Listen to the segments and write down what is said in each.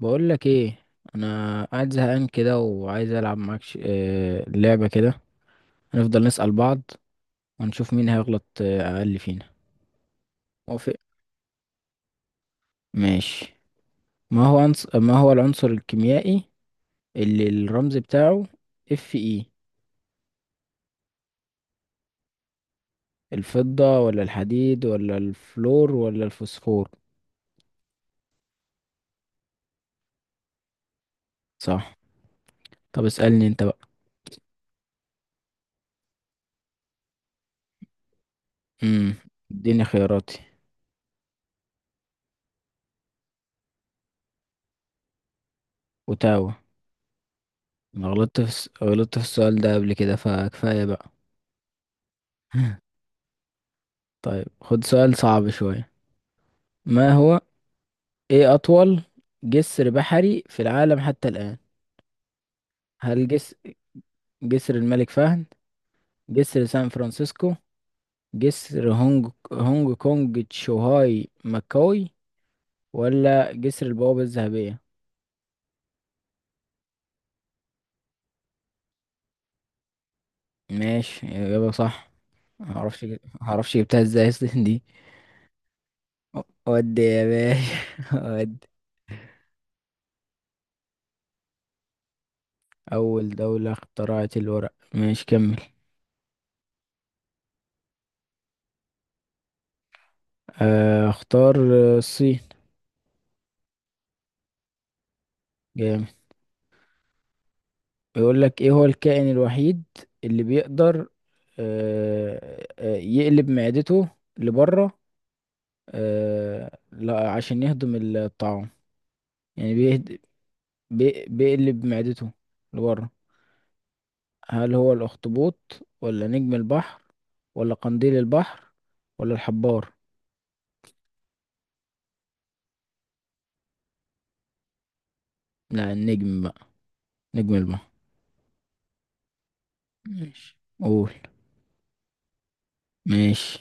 بقول لك ايه؟ انا قاعد زهقان كده وعايز العب معاك لعبه كده. هنفضل نسال بعض ونشوف مين هيغلط اقل فينا. موافق. ماشي. ما هو العنصر الكيميائي اللي الرمز بتاعه اف اي؟ الفضه ولا الحديد ولا الفلور ولا الفوسفور؟ صح. طب اسالني انت بقى. امم اديني خياراتي. وتاوه. ما غلطت في الس- غلطت في السؤال ده قبل كده فكفايه بقى. طيب خد سؤال صعب شويه. ما هو ايه اطول جسر بحري في العالم حتى الان؟ هل جس... جسر الملك فهد، جسر سان فرانسيسكو، جسر هونج هونج كونج تشوهاي ماكاوي، ولا جسر البوابة الذهبية؟ ماشي، اجابة صح. معرفش جبتها ازاي اصلا دي. ودي يا باشا ودي. اول دولة اخترعت الورق؟ ماشي كمل. اختار. الصين. جامد. بيقول لك ايه هو الكائن الوحيد اللي بيقدر يقلب معدته لبره عشان يهضم الطعام. يعني بيهد... بيقلب معدته لبره. هل هو الاخطبوط، ولا نجم البحر، ولا قنديل البحر، ولا الحبار؟ لا، النجم بقى. نجم البحر. ماشي. قول. ماشي.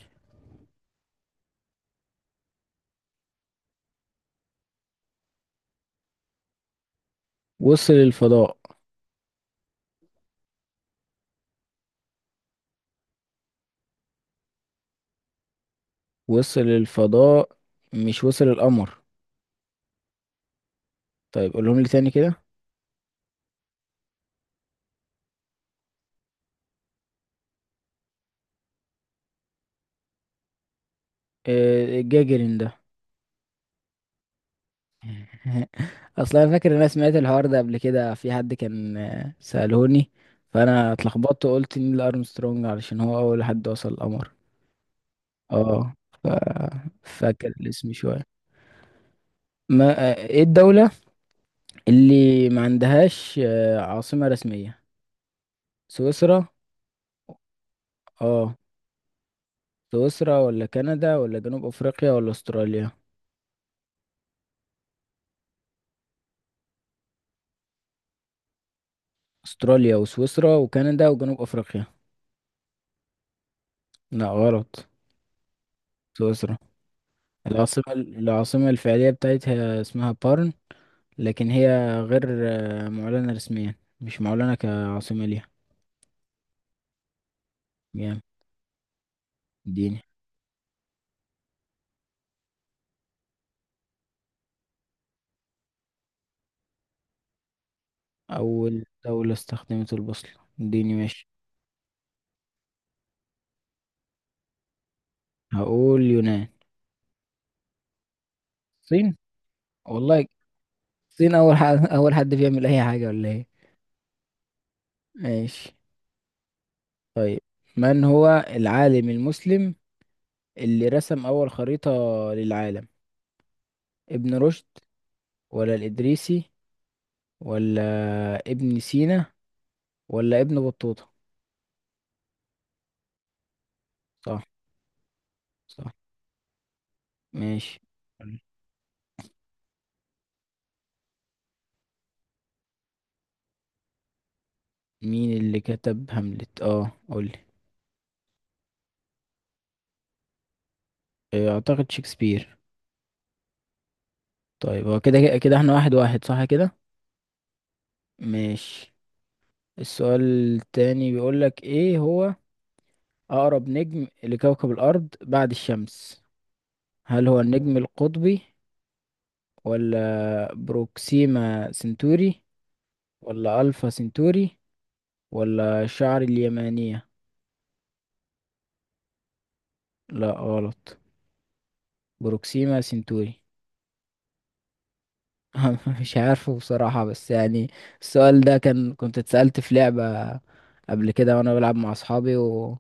وصل الفضاء. وصل الفضاء، مش وصل القمر. طيب قولهم لي تاني كده. الجاجرين ده. اصل انا فاكر ان انا سمعت الحوار ده قبل كده، في حد كان سالهوني، فانا اتلخبطت وقلت نيل ارمسترونج علشان هو اول حد وصل القمر. اه. ف... فاكر الاسم شويه. ما آه، ايه الدوله اللي ما عندهاش عاصمه رسميه؟ سويسرا. اه. سويسرا ولا كندا ولا جنوب افريقيا ولا استراليا؟ استراليا وسويسرا وكندا وجنوب افريقيا. لا غلط. سويسرا. العاصمة الفعلية بتاعتها اسمها بارن، لكن هي غير معلنة رسميا، مش معلنة كعاصمة ليها. جامد. اديني. أول دولة استخدمت البوصلة. اديني، ماشي. هقول يونان. الصين؟ والله الصين أول حد أول حد بيعمل أي حاجة ولا إيه؟ ماشي. من هو العالم المسلم اللي رسم أول خريطة للعالم؟ ابن رشد، ولا الإدريسي، ولا ابن سينا، ولا ابن بطوطة؟ صح. صح. ماشي. مين اللي كتب هاملت؟ اه قولي. اعتقد شكسبير. طيب هو كده كده احنا 1-1 صح كده. ماشي. السؤال التاني بيقولك ايه هو اقرب نجم لكوكب الارض بعد الشمس؟ هل هو النجم القطبي، ولا بروكسيما سنتوري، ولا الفا سنتوري، ولا شعر اليمانية؟ لا غلط. بروكسيما سنتوري. مش عارفه بصراحة بس يعني السؤال ده كان كنت اتسألت في لعبة قبل كده وانا بلعب مع اصحابي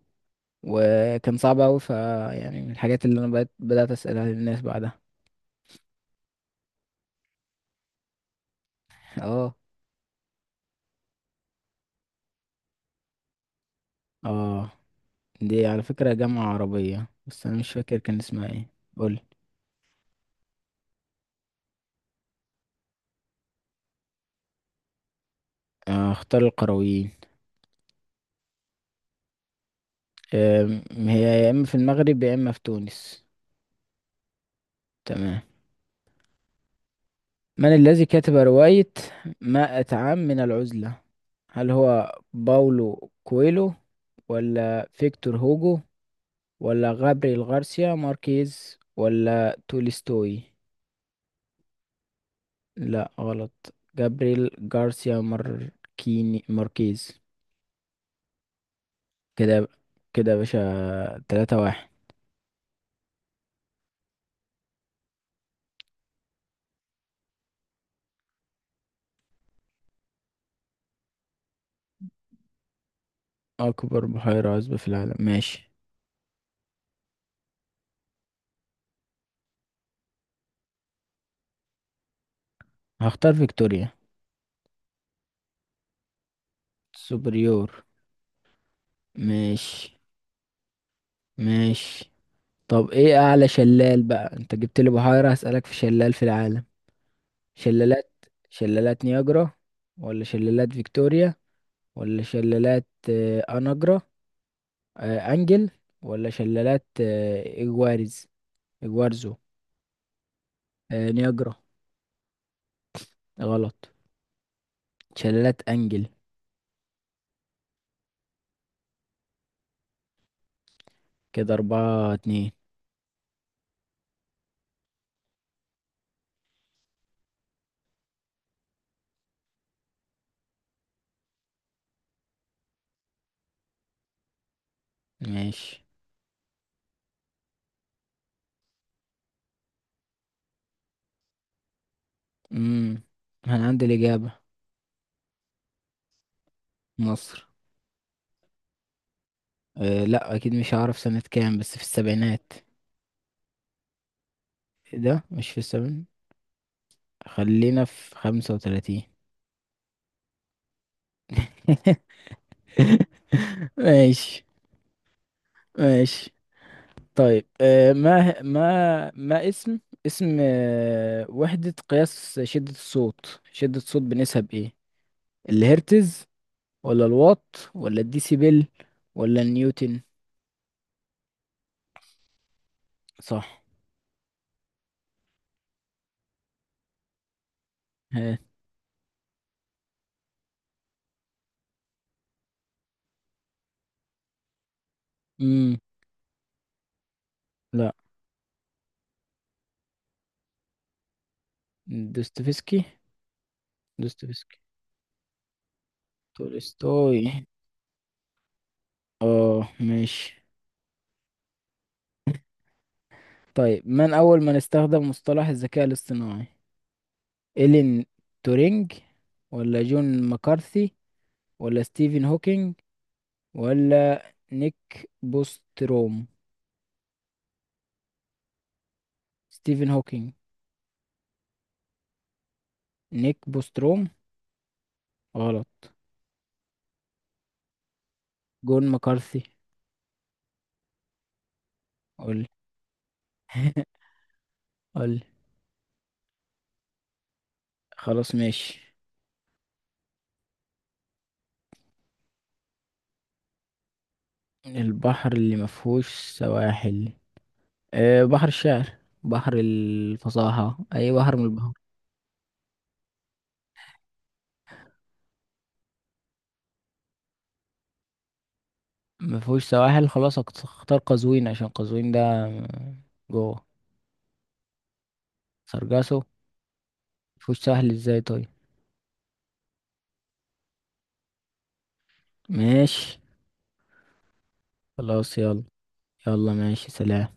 وكان صعب اوي، ف يعني من الحاجات اللي انا بقيت بدأت اسألها للناس بعدها. اه. اه. دي على فكرة جامعة عربية بس انا مش فاكر كان اسمها ايه. قول. اختار القرويين. هي يا اما في المغرب يا اما في تونس. تمام. من الذي كتب رواية مائة عام من العزلة؟ هل هو باولو كويلو، ولا فيكتور هوجو، ولا غابريل غارسيا ماركيز، ولا تولستوي؟ لا غلط. جابريل غارسيا ماركيني ماركيز. كده كده يا باشا 3-1. أكبر بحيرة عذبة في العالم، ماشي. هختار فيكتوريا. سوبريور. ماشي. ماشي. طب ايه اعلى شلال بقى؟ انت جبت لي بحيرة، هسألك في شلال في العالم. شلالات. شلالات نياجرا، ولا شلالات فيكتوريا، ولا شلالات اناجرا، انجل، ولا شلالات اجوارزو. نياجرا. غلط. شلالات انجل. كده 4-2. ماشي. امم انا عندي الاجابة. مصر. أه لا اكيد مش هعرف سنة كام، بس في السبعينات. إيه ده مش في السبعينات؟ خلينا في 35. ماشي. ماشي. طيب ما اسم وحدة قياس شدة الصوت، شدة الصوت بنقيسها بإيه؟ الهرتز، ولا الوات، ولا الديسيبل، ولا النيوتن؟ صح. ها. امم لا دوستويفسكي. دوستويفسكي. تولستوي. اه ماشي. طيب من أول من استخدم مصطلح الذكاء الاصطناعي؟ إلين تورينج، ولا جون مكارثي، ولا ستيفن هوكينج، ولا نيك بوستروم؟ ستيفن هوكينج. نيك بوستروم. غلط. جون مكارثي. قول. قول. خلاص ماشي. البحر اللي مفهوش سواحل. أه بحر الشعر، بحر الفصاحة، أي بحر من البحر. مفهوش سواحل خلاص. اختار قزوين عشان قزوين ده جوه. سرجاسو. مفهوش سواحل ازاي طيب؟ ماشي. خلاص يلا. يلا ماشي، سلام.